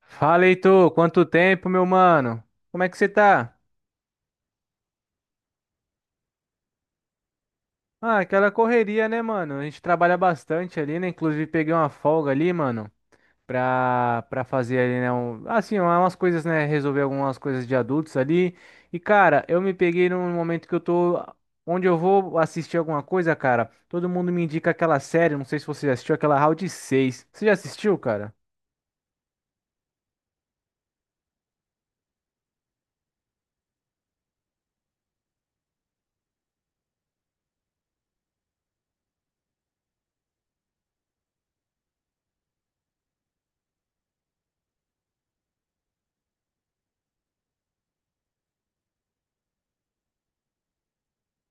Fala, Heitor, quanto tempo, meu mano? Como é que você tá? Ah, aquela correria, né, mano? A gente trabalha bastante ali, né? Inclusive peguei uma folga ali, mano, pra fazer ali, né? Umas coisas, né? Resolver algumas coisas de adultos ali. E, cara, eu me peguei num momento que eu tô. Onde eu vou assistir alguma coisa, cara. Todo mundo me indica aquela série, não sei se você já assistiu, aquela Round 6. Você já assistiu, cara?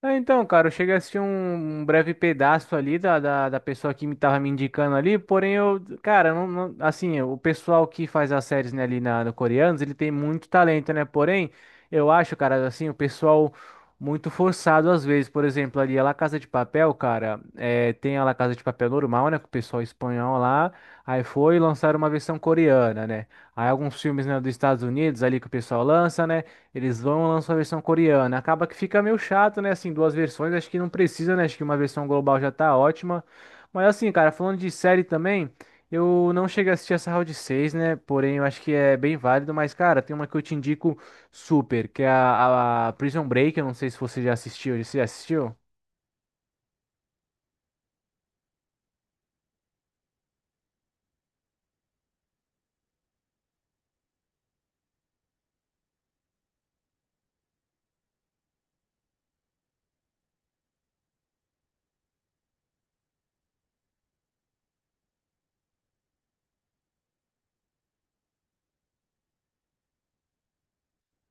É, então, cara, eu cheguei a assistir um breve pedaço ali da pessoa que me tava me indicando ali, porém eu, cara, o pessoal que faz as séries, né, ali na, no coreanos, ele tem muito talento, né, porém, eu acho, cara, assim, o pessoal muito forçado às vezes, por exemplo, ali a La Casa de Papel, cara, é, tem a La Casa de Papel normal, né, com o pessoal espanhol lá, aí foi lançar uma versão coreana, né, aí alguns filmes, né, dos Estados Unidos ali que o pessoal lança, né, eles vão lançar a versão coreana. Acaba que fica meio chato, né? Assim, duas versões, acho que não precisa, né? Acho que uma versão global já tá ótima. Mas assim, cara, falando de série também, eu não cheguei a assistir essa Round 6, né? Porém, eu acho que é bem válido. Mas, cara, tem uma que eu te indico super, que é a Prison Break. Eu não sei se você já assistiu. Você já assistiu?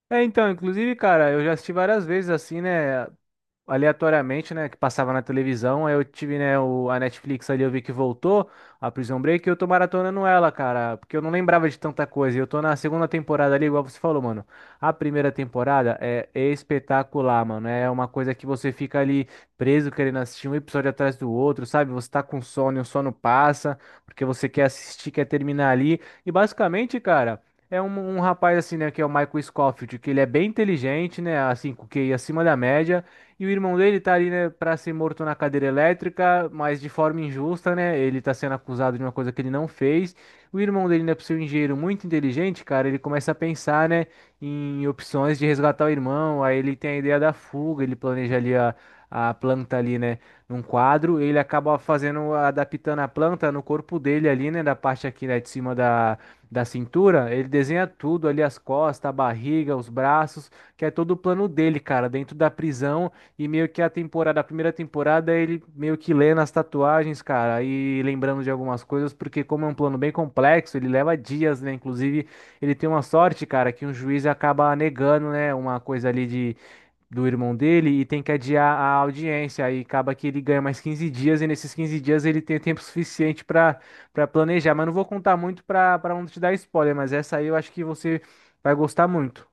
É, então, inclusive, cara, eu já assisti várias vezes, assim, né? Aleatoriamente, né, que passava na televisão. Aí eu tive, né, a Netflix ali, eu vi que voltou a Prison Break e eu tô maratonando ela, cara, porque eu não lembrava de tanta coisa. E eu tô na segunda temporada ali, igual você falou, mano. A primeira temporada é espetacular, mano. É uma coisa que você fica ali preso querendo assistir um episódio atrás do outro, sabe? Você tá com sono e o sono passa, porque você quer assistir, quer terminar ali. E basicamente, cara. É um rapaz assim, né, que é o Michael Scofield, que ele é bem inteligente, né, assim, com QI acima da média, e o irmão dele tá ali, né, pra ser morto na cadeira elétrica, mas de forma injusta, né? Ele tá sendo acusado de uma coisa que ele não fez. O irmão dele, né, por ser um engenheiro muito inteligente, cara, ele começa a pensar, né, em opções de resgatar o irmão. Aí ele tem a ideia da fuga, ele planeja ali a planta ali, né, num quadro. Ele acaba fazendo, adaptando a planta no corpo dele ali, né, da parte aqui, né, de cima da, da cintura. Ele desenha tudo ali, as costas, a barriga, os braços, que é todo o plano dele, cara, dentro da prisão e meio que a temporada, a primeira temporada, ele meio que lê nas tatuagens, cara, e lembrando de algumas coisas, porque como é um plano bem complexo, ele leva dias, né? Inclusive, ele tem uma sorte, cara, que um juiz acaba negando, né, uma coisa ali de do irmão dele e tem que adiar a audiência, aí acaba que ele ganha mais 15 dias e nesses 15 dias ele tem tempo suficiente para planejar, mas não vou contar muito para não te dar spoiler, mas essa aí eu acho que você vai gostar muito.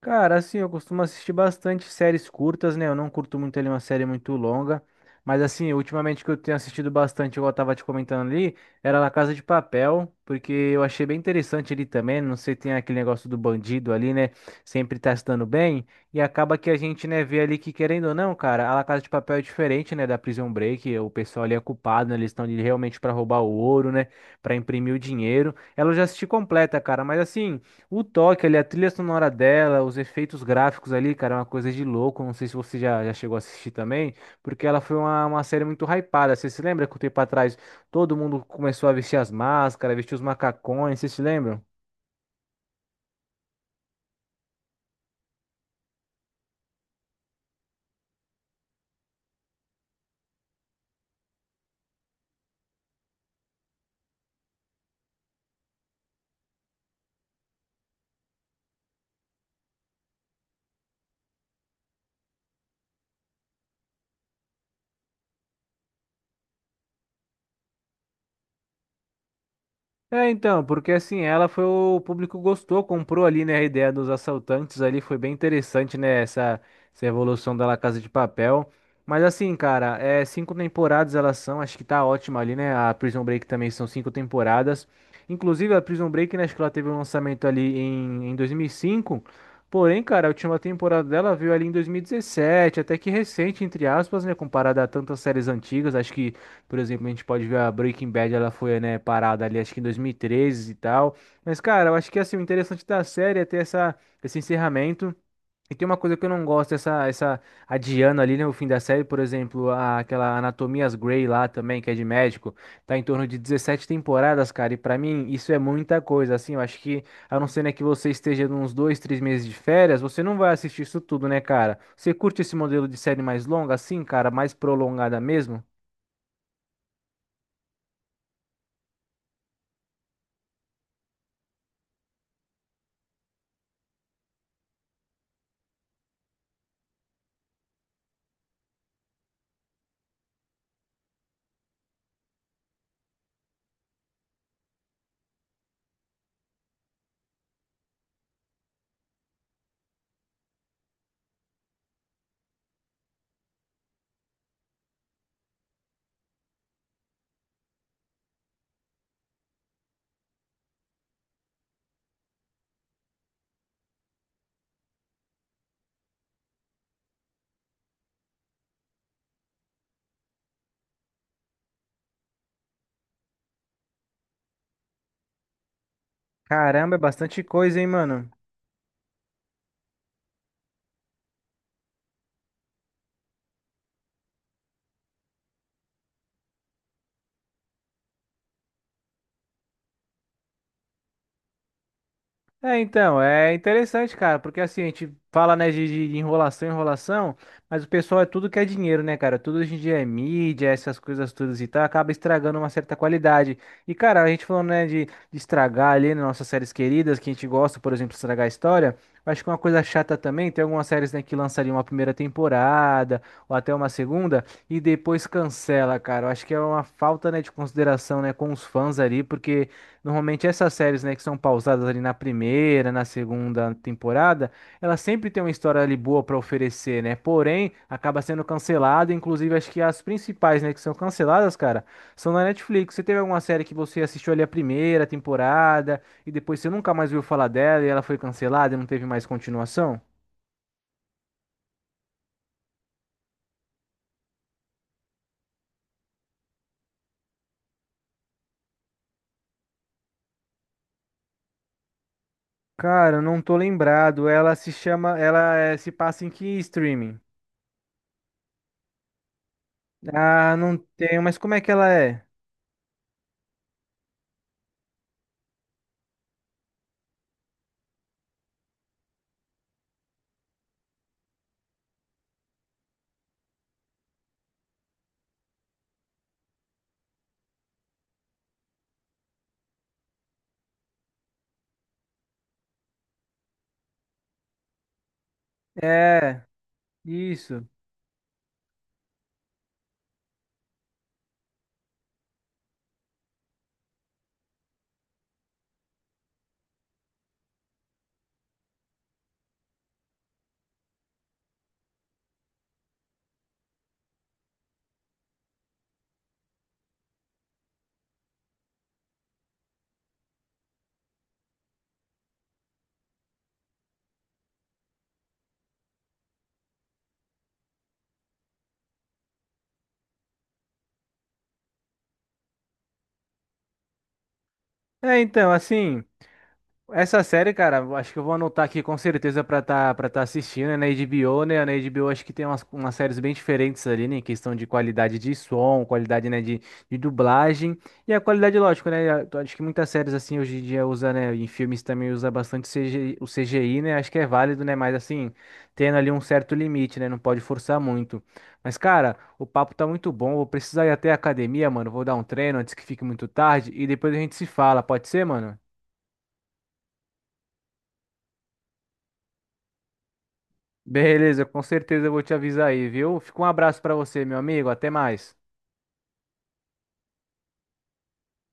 Cara, assim, eu costumo assistir bastante séries curtas, né? Eu não curto muito ali uma série muito longa. Mas assim, ultimamente que eu tenho assistido bastante, igual eu tava te comentando ali, era La Casa de Papel, porque eu achei bem interessante ali também. Não sei, tem aquele negócio do bandido ali, né? Sempre tá se dando bem. E acaba que a gente, né, vê ali que, querendo ou não, cara, a La Casa de Papel é diferente, né, da Prison Break. O pessoal ali é culpado, né? Eles estão ali realmente pra roubar o ouro, né? Pra imprimir o dinheiro. Ela eu já assisti completa, cara, mas assim. O toque ali, a trilha sonora dela, os efeitos gráficos ali, cara, é uma coisa de louco. Não sei se você já chegou a assistir também, porque ela foi uma série muito hypada. Você se lembra que um tempo atrás todo mundo começou a vestir as máscaras, vestir os macacões, você se lembra? É, então, porque assim, ela foi o público gostou, comprou ali, né, a ideia dos assaltantes ali, foi bem interessante, né, essa evolução da La Casa de Papel. Mas assim, cara, é cinco temporadas elas são, acho que tá ótima ali, né? A Prison Break também são cinco temporadas. Inclusive a Prison Break, né, acho que ela teve um lançamento ali em 2005. Porém, cara, a última temporada dela veio ali em 2017, até que recente, entre aspas, né, comparada a tantas séries antigas, acho que por exemplo, a gente pode ver a Breaking Bad, ela foi, né, parada ali, acho que em 2013 e treze e tal. Mas, cara, eu acho que, assim, o interessante da série é ter esse encerramento. E tem uma coisa que eu não gosto, essa adiando ali, né, o fim da série, por exemplo, aquela Anatomias Grey lá também, que é de médico, tá em torno de 17 temporadas, cara, e pra mim isso é muita coisa, assim, eu acho que, a não ser, né, que você esteja nos dois, três meses de férias, você não vai assistir isso tudo, né, cara? Você curte esse modelo de série mais longa, assim, cara, mais prolongada mesmo? Caramba, é bastante coisa, hein, mano? É, então, é interessante, cara, porque assim, a gente fala, né, de enrolação, enrolação, mas o pessoal é tudo que é dinheiro, né, cara? Tudo hoje em dia é mídia, essas coisas todas e tal, acaba estragando uma certa qualidade. E, cara, a gente falando, né, de estragar ali nas nossas séries queridas, que a gente gosta, por exemplo, estragar a história, eu acho que é uma coisa chata também, tem algumas séries, né, que lançam ali uma primeira temporada, ou até uma segunda, e depois cancela, cara. Eu acho que é uma falta, né, de consideração, né, com os fãs ali, porque. Normalmente essas séries, né, que são pausadas ali na primeira, na segunda temporada, elas sempre têm uma história ali boa para oferecer, né? Porém, acaba sendo cancelada. Inclusive, acho que as principais, né, que são canceladas, cara, são na Netflix. Você teve alguma série que você assistiu ali a primeira temporada e depois você nunca mais ouviu falar dela e ela foi cancelada e não teve mais continuação? Cara, eu não tô lembrado. Ela se chama. Ela se passa em que streaming? Ah, não tenho, mas como é que ela é? É, isso. É, então, assim. Essa série, cara, eu acho que eu vou anotar aqui com certeza pra tá assistindo, né? Na HBO, né? Na HBO acho que tem umas séries bem diferentes ali, né? Em questão de qualidade de som, qualidade, né, de dublagem e a qualidade, lógico, né? a- eu Acho que muitas séries, assim, hoje em dia usa, né? Em filmes também usa bastante CGI, o CGI, né? Acho que é válido, né? Mas, assim, tendo ali um certo limite, né? Não pode forçar muito. Mas, cara, o papo tá muito bom. Vou precisar ir até a academia, mano. Vou dar um treino antes que fique muito tarde e depois a gente se fala. Pode ser, mano? Beleza, com certeza eu vou te avisar aí, viu? Fica um abraço pra você, meu amigo. Até mais.